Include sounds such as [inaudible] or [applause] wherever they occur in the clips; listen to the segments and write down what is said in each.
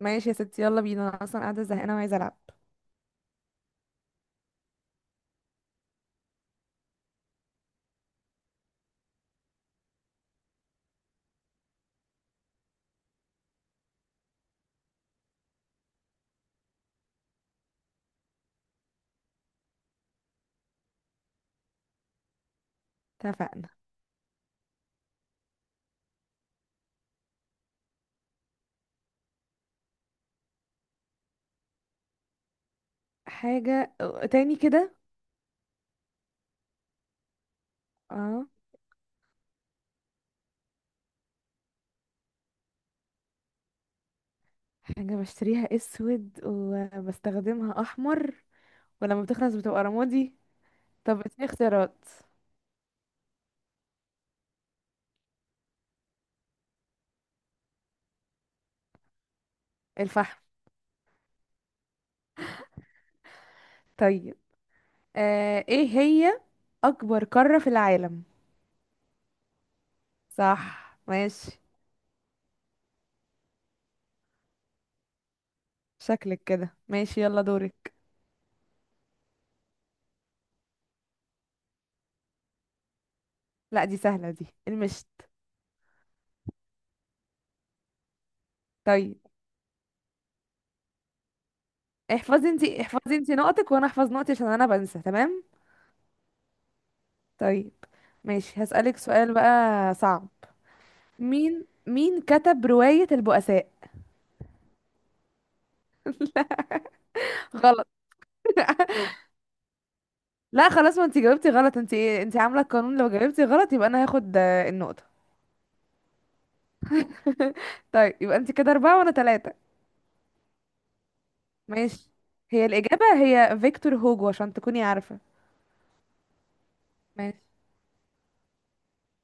ماشي يا ستي، يلا بينا، انا اصلا قاعده زهقانه وعايزه العب. اتفقنا. حاجه؟ تاني كده؟ اه. حاجه بشتريها اسود وبستخدمها احمر، ولما بتخلص بتبقى رمادي. طب اديني اختيارات. الفحم. طيب. ايه هي اكبر قاره في العالم؟ صح، ماشي. شكلك كده ماشي، يلا دورك. لا، دي سهله، دي المشت. طيب. احفظي انتي، احفظي انتي نقطك وانا احفظ نقطي عشان انا بنسى، تمام. طيب ماشي، هسألك سؤال بقى صعب. مين كتب رواية البؤساء؟ [laughs] لا، غلط. [laughs] لا خلاص، ما انت جاوبتي غلط. انت عاملة القانون، لو جاوبتي غلط يبقى انا هاخد النقطة. [laughs] طيب، يبقى انت كده أربعة وانا ثلاثة. ماشي. هي الإجابة هي فيكتور هوجو عشان تكوني عارفة. ماشي.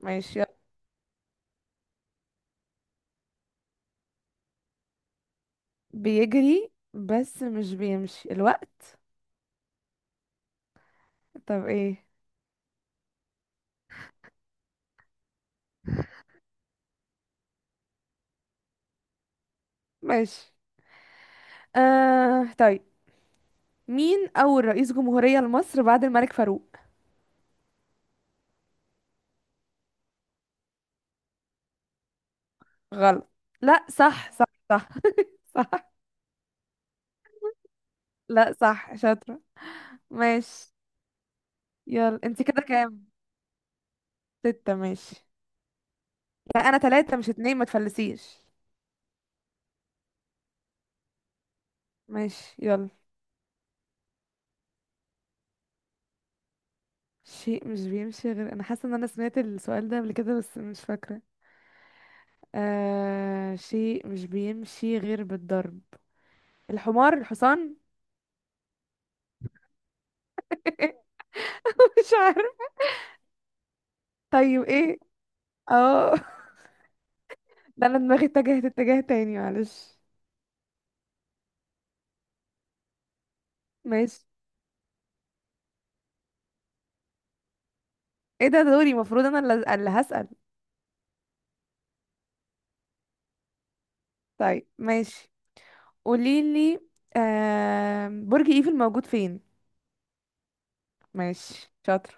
ماشي يلا. بيجري بس مش بيمشي الوقت. طب ايه؟ [laughs] ماشي. طيب، مين أول رئيس جمهورية لمصر بعد الملك فاروق؟ غلط. لا، صح، صح. صح، صح. لا، صح، شاطرة. ماشي. يلا، انت كده كام؟ ستة، ماشي. لا انا تلاتة مش اتنين، ما تفلسيش. ماشي يلا. شيء مش بيمشي غير، انا حاسة ان انا سمعت السؤال ده قبل كده بس مش فاكرة. شيء مش بيمشي غير بالضرب. الحمار، الحصان. [laughs] مش عارف. طيب ايه؟ اه. [laughs] ده انا دماغي اتجهت اتجاه تاني، معلش. ماشي. ايه ده؟ دوري، المفروض انا اللي هسأل. طيب، ماشي، قوليلي. برج ايفل موجود فين؟ ماشي، شاطرة.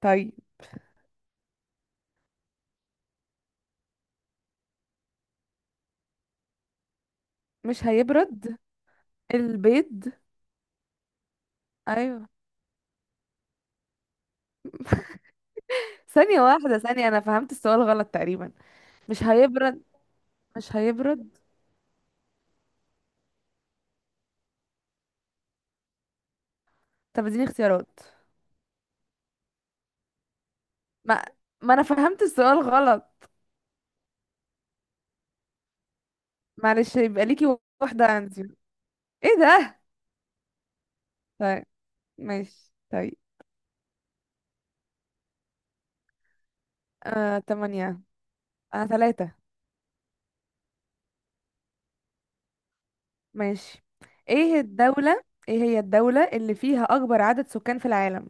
طيب. مش هيبرد. البيض. ايوه. ثانية واحدة، ثانية، انا فهمت السؤال غلط تقريبا. مش هيبرد. مش هيبرد. طب اديني اختيارات. ما ما انا فهمت السؤال غلط. معلش، يبقى ليكي واحدة عندي. ايه ده؟ طيب، ماشي، طيب. تمانية. انا ثلاثة. ماشي. ايه الدولة ايه هي الدولة اللي فيها اكبر عدد سكان في العالم؟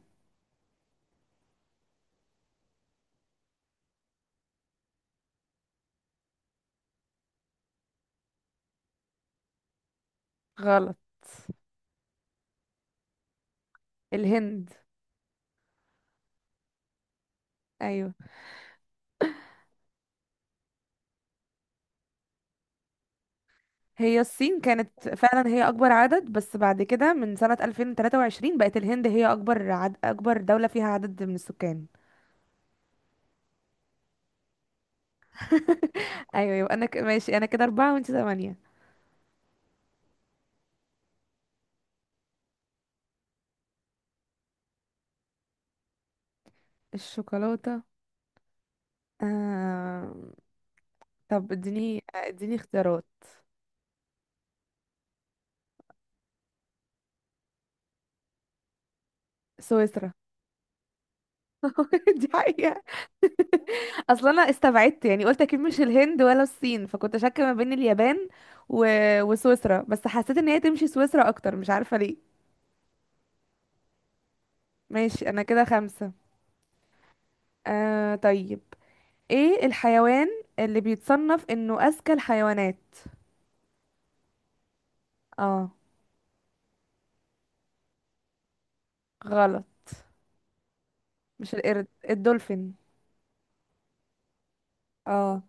غلط. الهند. ايوه، هي الصين كانت فعلا هي اكبر عدد، بس بعد كده من سنة 2023 بقت الهند هي اكبر دولة فيها عدد من السكان. [laughs] ايوه، يبقى ماشي، انا كده اربعة وانت ثمانية. الشوكولاتة. آه... طب اديني اختيارات. سويسرا. [laughs] دي حقيقة. [laughs] اصلا انا استبعدت يعني، قلت اكيد مش الهند ولا الصين، فكنت شاكة ما بين اليابان و... وسويسرا، بس حسيت ان هي تمشي سويسرا اكتر، مش عارفة ليه. ماشي، انا كده خمسة. طيب. ايه الحيوان اللي بيتصنف انه اذكى الحيوانات؟ اه. غلط. مش القرد، الدولفين. اه.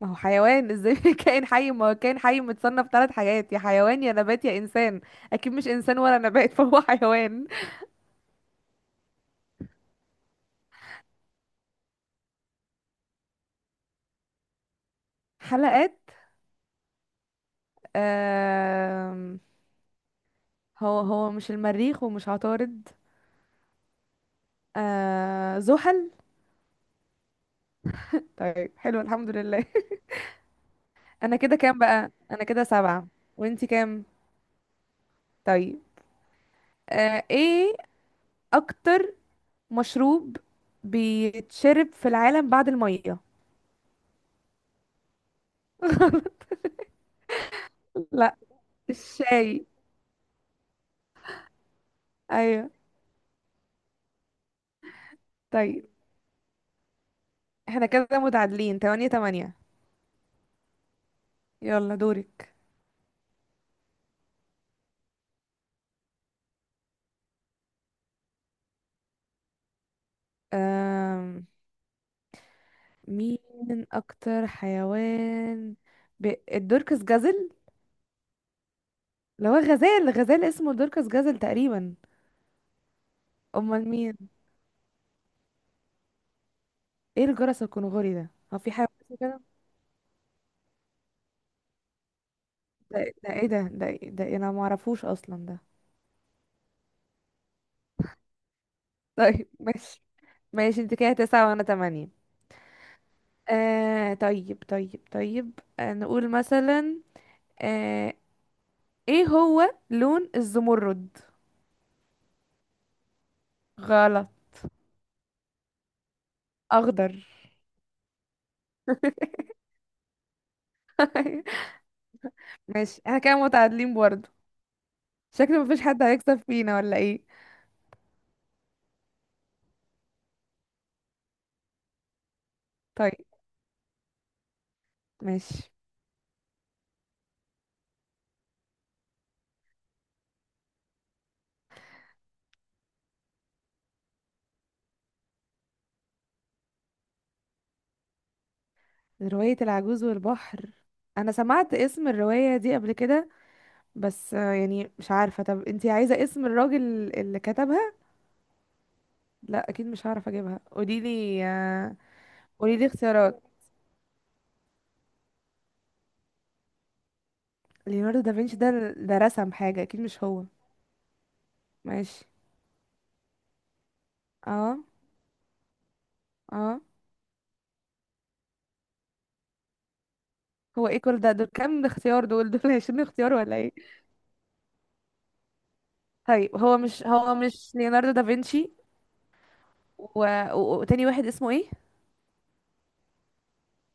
ما هو حيوان ازاي؟ [laughs] كائن حي، ما هو كائن حي متصنف ثلاث حاجات، يا حيوان يا نبات يا انسان. اكيد مش انسان ولا نبات، [laughs] فهو حيوان. حلقات؟ آه هو مش المريخ ومش عطارد. زحل. طيب، حلو، الحمد لله. [laughs] انا كده كام بقى؟ انا كده سبعة. وانتي كام؟ طيب. ايه اكتر مشروب بيتشرب في العالم بعد المية؟ [laughs] لا، الشاي. ايوه. طيب، احنا كده متعادلين تمانية تمانية. يلا دورك. أم... مين اكتر حيوان، الدركس جزل. اللي هو غزال، غزال اسمه دركس جزل تقريبا. امال مين؟ ايه الجرس الكنغوري ده؟ هو في حيوان اسمه كده؟ ده ايه ده, انا ما اعرفوش اصلا ده. طيب، ماشي. ماشي، انت كده تسعة وانا تمانية. طيب، طيب، طيب. نقول مثلا، آه ايه هو لون الزمرد؟ غلط. اخضر. [laughs] ماشي، احنا كده متعادلين برضه. شكله مفيش حد هيكسب فينا ولا ايه؟ طيب، ماشي. رواية العجوز والبحر؟ انا سمعت اسم الرواية دي قبل كده بس يعني مش عارفة. طب انتي عايزة اسم الراجل اللي كتبها؟ لا، اكيد مش هعرف اجيبها، قوليلي قوليلي اختيارات. ليوناردو دافنشي ده رسم حاجة، اكيد مش هو. ماشي. اه، اه. هو ايه كل ده؟ دول كام اختيار؟ دول 20 اختيار ولا ايه؟ طيب، هو مش ليوناردو دافنشي. و... و... وتاني واحد اسمه ايه؟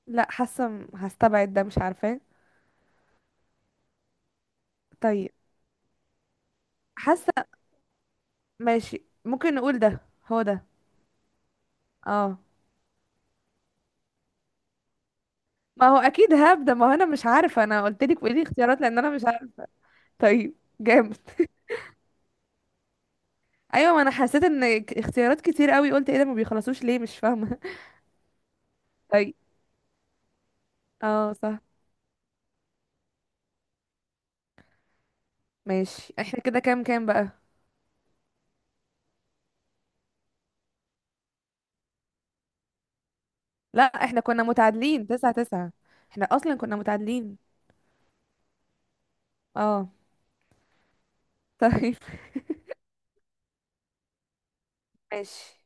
لا، حاسه هستبعد ده، مش عارفاه. طيب، حاسه، ماشي ممكن نقول ده، هو ده. اه. ما هو اكيد هاب ده، ما هو انا مش عارفه، انا قلت لك قولي لي اختيارات لان انا مش عارفه. طيب. جامد. [laughs] ايوه، ما انا حسيت ان اختيارات كتير قوي، قلت ايه ده ما بيخلصوش ليه، مش فاهمه. [laughs] طيب. اه، صح. ماشي، احنا كده كام بقى؟ لا، احنا كنا متعادلين تسعة تسعة، احنا اصلا كنا متعادلين. اه. [laughs] طيب، ماشي.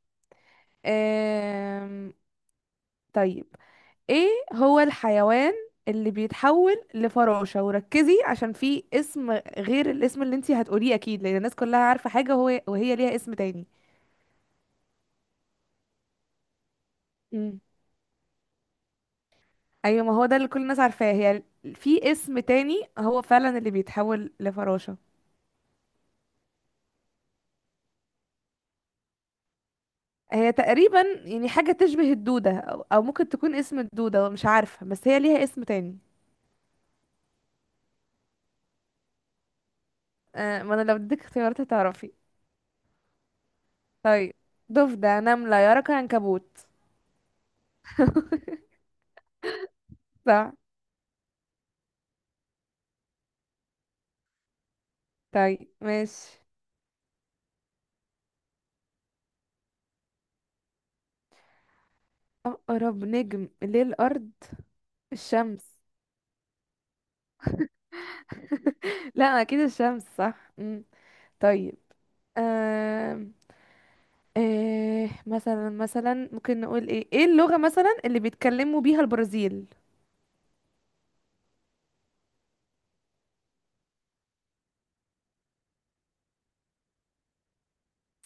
أم... طيب، ايه هو الحيوان اللي بيتحول لفراشة؟ وركزي عشان في اسم غير الاسم اللي انتي هتقوليه اكيد، لان الناس كلها عارفة حاجة، وهو وهي ليها اسم تاني. مم. ايوه، ما هو ده اللي كل الناس عارفاه هي. في اسم تاني هو فعلا اللي بيتحول لفراشة. هي تقريبا يعني حاجة تشبه الدودة، أو ممكن تكون اسم الدودة، مش عارفة، بس هي ليها اسم تاني. ما انا لو اديتك اختيارات هتعرفي. طيب. ضفدع، نملة، يرق، عنكبوت. صح. طيب، ماشي. اقرب نجم للارض؟ الشمس. لا، اكيد الشمس صح. مم. طيب. آه... مثلا ممكن نقول ايه اللغة مثلا اللي بيتكلموا بيها البرازيل؟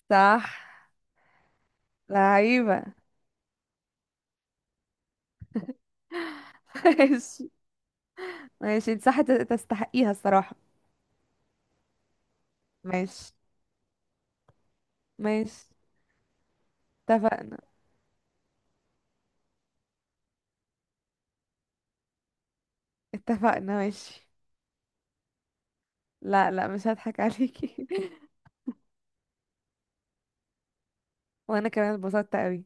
صح. لعيبة. [laughs] ماشي. ماشي، انت صح تستحقيها الصراحة. ماشي. ماشي. اتفقنا. اتفقنا، ماشي. لا، لا، مش هضحك عليكي. [laughs] وانا كمان اتبسطت قوي.